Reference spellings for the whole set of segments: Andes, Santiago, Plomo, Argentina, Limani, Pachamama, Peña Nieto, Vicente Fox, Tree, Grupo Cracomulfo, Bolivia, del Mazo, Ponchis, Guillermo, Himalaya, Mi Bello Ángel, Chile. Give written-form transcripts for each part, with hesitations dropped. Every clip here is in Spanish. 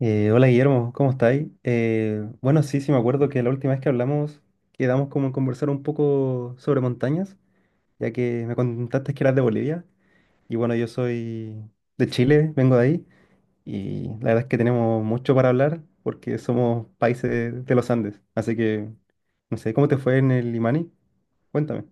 Hola Guillermo, ¿cómo estáis? Bueno, sí, sí me acuerdo que la última vez que hablamos quedamos como en conversar un poco sobre montañas, ya que me contaste que eras de Bolivia y bueno, yo soy de Chile, vengo de ahí y la verdad es que tenemos mucho para hablar porque somos países de los Andes, así que no sé, ¿cómo te fue en el Limani? Cuéntame.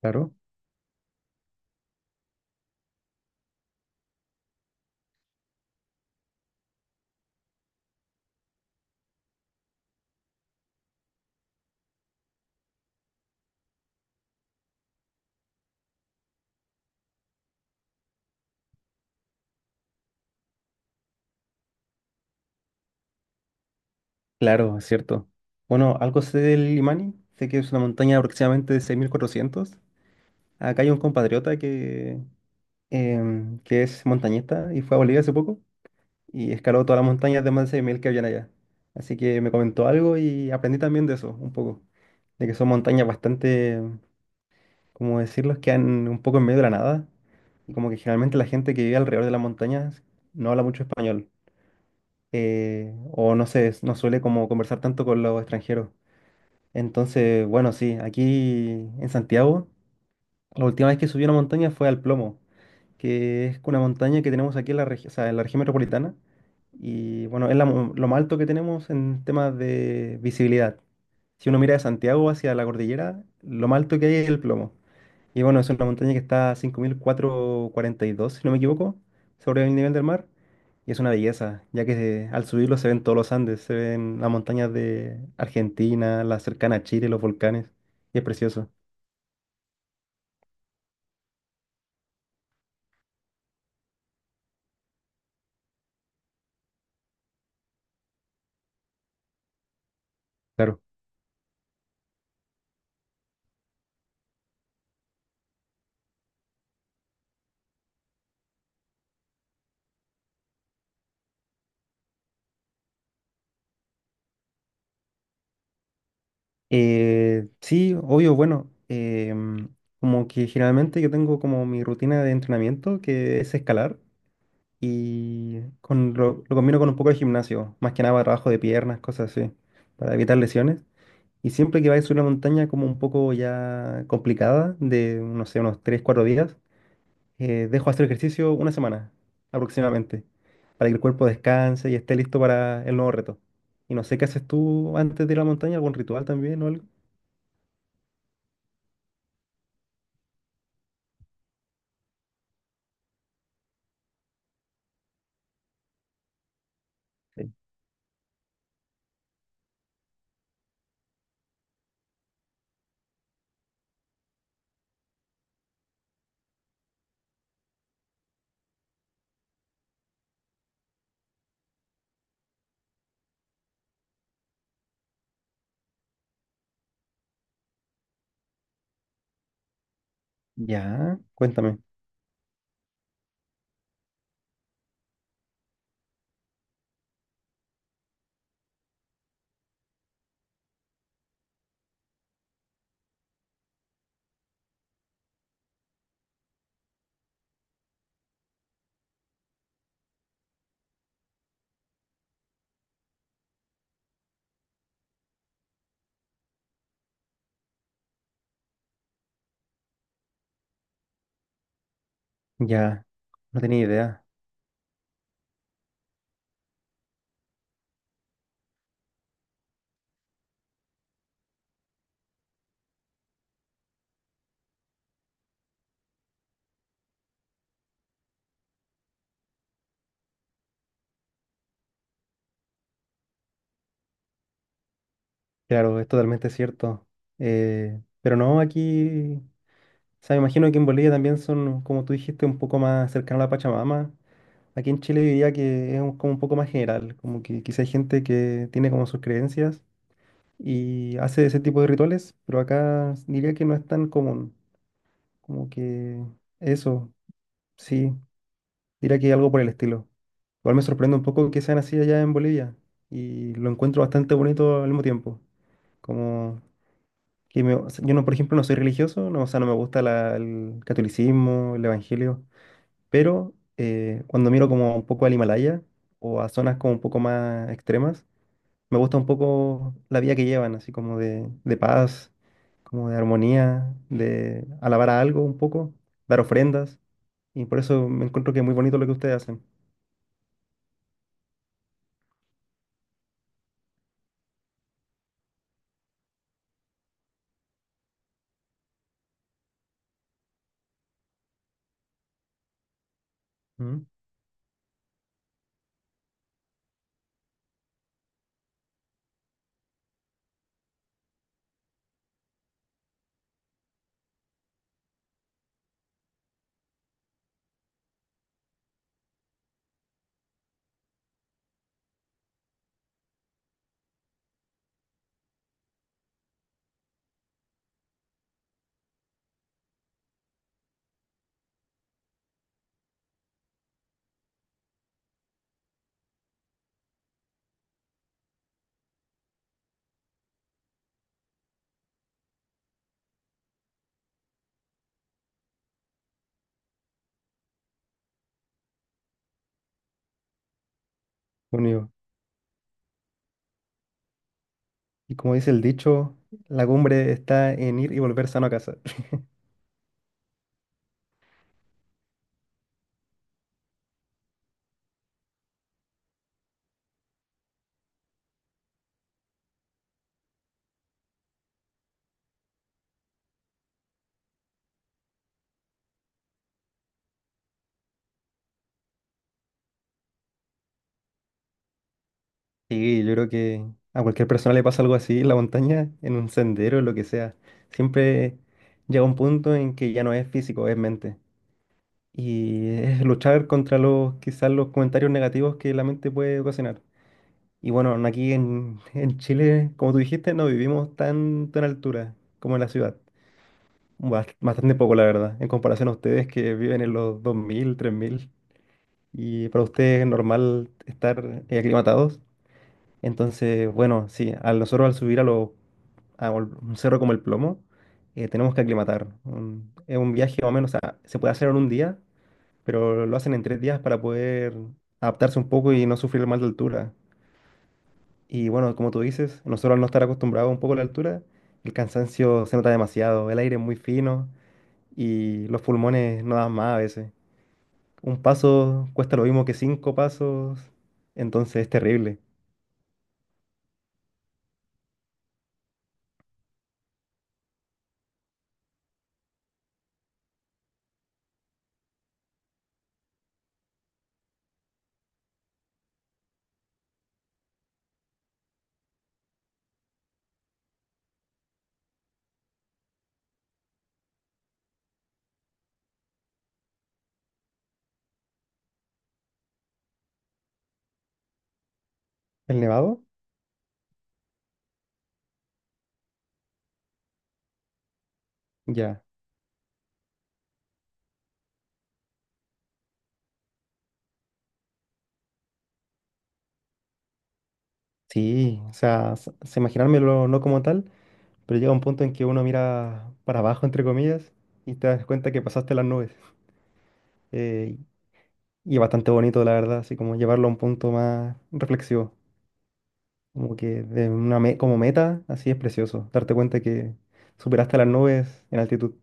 Claro, claro, es cierto. Bueno, algo sé del Limani, sé que es una montaña de aproximadamente de 6.400. Acá hay un compatriota que que es montañista y fue a Bolivia hace poco y escaló todas las montañas de más de 6.000 que habían allá. Así que me comentó algo y aprendí también de eso un poco, de que son montañas bastante, ¿cómo decirlo? Que quedan un poco en medio de la nada y como que generalmente la gente que vive alrededor de las montañas no habla mucho español, o no sé, no suele como conversar tanto con los extranjeros. Entonces, bueno, sí, aquí en Santiago, la última vez que subí a una montaña fue al Plomo, que es una montaña que tenemos aquí en o sea, en la región metropolitana. Y bueno, es lo más alto que tenemos en temas de visibilidad. Si uno mira de Santiago hacia la cordillera, lo más alto que hay es el Plomo. Y bueno, es una montaña que está a 5.442, si no me equivoco, sobre el nivel del mar. Y es una belleza, ya que al subirlo se ven todos los Andes, se ven las montañas de Argentina, la cercana a Chile, los volcanes. Y es precioso. Claro. Sí, obvio, bueno, como que generalmente yo tengo como mi rutina de entrenamiento que es escalar y con lo combino con un poco de gimnasio, más que nada para trabajo de piernas, cosas así, para evitar lesiones. Y siempre que vaya a subir una montaña como un poco ya complicada, de no sé, unos 3 4 días, dejo hacer ejercicio una semana aproximadamente, para que el cuerpo descanse y esté listo para el nuevo reto. Y no sé qué haces tú antes de ir a la montaña, algún ritual también o algo. Ya, cuéntame. Ya, no tenía idea. Claro, es totalmente cierto. Pero no, aquí, o sea, me imagino que en Bolivia también son, como tú dijiste, un poco más cercano a la Pachamama. Aquí en Chile diría que es como un poco más general, como que quizá hay gente que tiene como sus creencias y hace ese tipo de rituales, pero acá diría que no es tan común. Como que eso, sí. Diría que algo por el estilo. Igual me sorprende un poco que sean así allá en Bolivia y lo encuentro bastante bonito al mismo tiempo. Como que o sea, yo no, por ejemplo, no soy religioso, no, o sea, no me gusta el catolicismo, el evangelio, pero cuando miro como un poco al Himalaya o a zonas como un poco más extremas, me gusta un poco la vida que llevan, así como de paz, como de armonía, de alabar a algo un poco, dar ofrendas, y por eso me encuentro que es muy bonito lo que ustedes hacen. ¿Mm? Unido. Y como dice el dicho, la cumbre está en ir y volver sano a casa. Sí, yo creo que a cualquier persona le pasa algo así en la montaña, en un sendero, en lo que sea. Siempre llega un punto en que ya no es físico, es mente. Y es luchar contra los, quizás los comentarios negativos que la mente puede ocasionar. Y bueno, aquí en Chile, como tú dijiste, no vivimos tanto en altura como en la ciudad. Bastante poco, la verdad, en comparación a ustedes que viven en los 2.000 3.000 y para ustedes es normal estar aclimatados. Entonces, bueno, sí, a nosotros al subir a, lo, a un cerro como el Plomo, tenemos que aclimatar. Es un viaje más o menos, o sea, se puede hacer en un día, pero lo hacen en 3 días para poder adaptarse un poco y no sufrir mal de altura. Y bueno, como tú dices, nosotros al no estar acostumbrados un poco a la altura, el cansancio se nota demasiado, el aire es muy fino y los pulmones no dan más a veces. Un paso cuesta lo mismo que 5 pasos, entonces es terrible. ¿El nevado? Ya. Sí, o sea, imaginármelo no como tal, pero llega un punto en que uno mira para abajo, entre comillas, y te das cuenta que pasaste las nubes. Eh, y es bastante bonito, la verdad, así como llevarlo a un punto más reflexivo. Como que de una como meta, así es precioso, darte cuenta que superaste las nubes en altitud.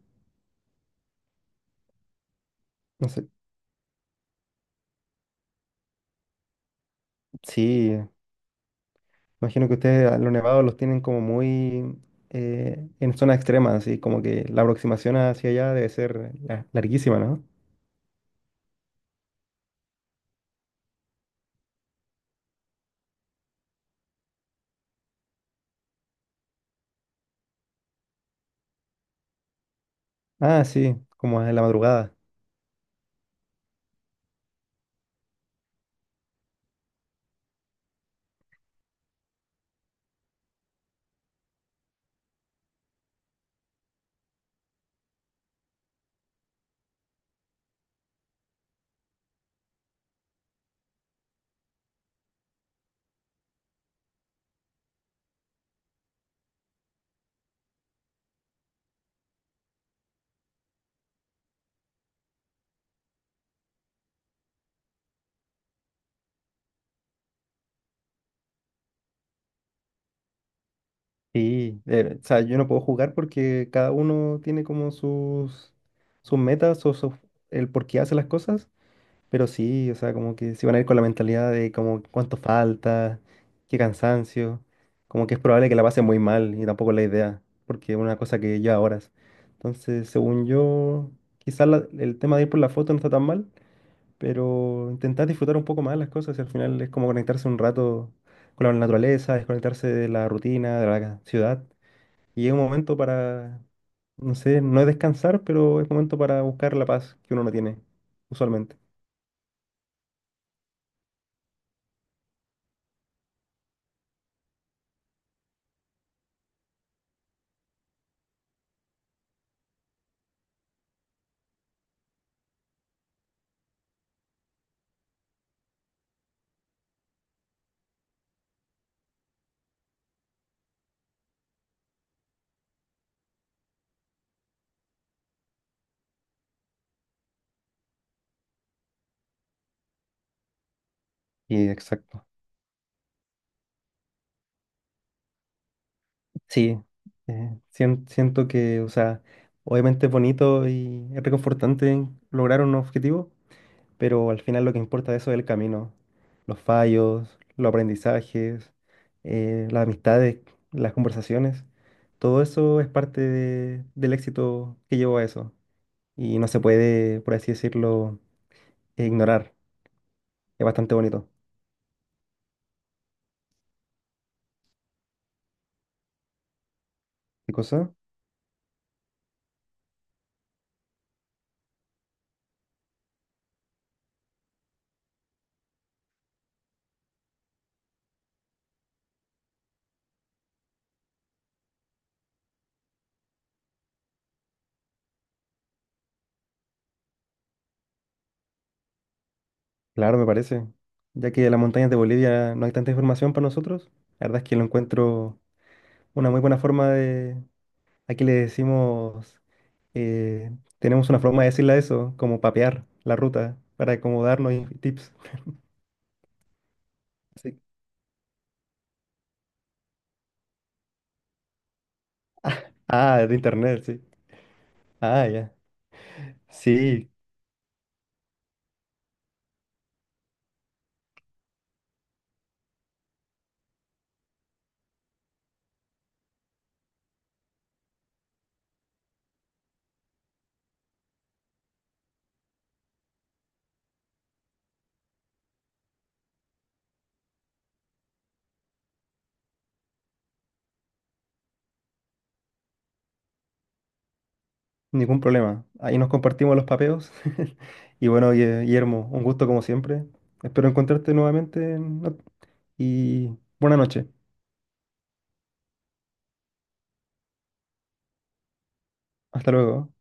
No sé. Sí, imagino que ustedes a los nevados los tienen como muy en zonas extremas, así como que la aproximación hacia allá debe ser larguísima, ¿no? Ah, sí, como en la madrugada. Sí, o sea, yo no puedo jugar porque cada uno tiene como sus metas o el por qué hace las cosas. Pero sí, o sea, como que se van a ir con la mentalidad de como cuánto falta, qué cansancio, como que es probable que la pasen muy mal y tampoco es la idea, porque es una cosa que lleva horas. Entonces, según yo, quizás el tema de ir por la foto no está tan mal, pero intentar disfrutar un poco más las cosas y al final es como conectarse un rato con la naturaleza, desconectarse de la rutina, de la ciudad. Y es un momento para, no sé, no es descansar, pero es momento para buscar la paz que uno no tiene, usualmente. Y exacto. Sí, siento que, o sea, obviamente es bonito y es reconfortante lograr un objetivo, pero al final lo que importa de eso es el camino, los fallos, los aprendizajes, las amistades, las conversaciones, todo eso es parte del éxito que llevó a eso y no se puede, por así decirlo, ignorar. Es bastante bonito. ¿Qué cosa? Claro, me parece. Ya que de las montañas de Bolivia no hay tanta información para nosotros, la verdad es que lo encuentro una muy buena forma de... Aquí le decimos, eh, tenemos una forma de decirle a eso, como papear la ruta para acomodarnos y tips. Sí. Ah, de internet, sí. Ah, ya. Sí, ningún problema. Ahí nos compartimos los papeos. Y bueno, Guillermo, un gusto como siempre. Espero encontrarte nuevamente en y buena noche. Hasta luego.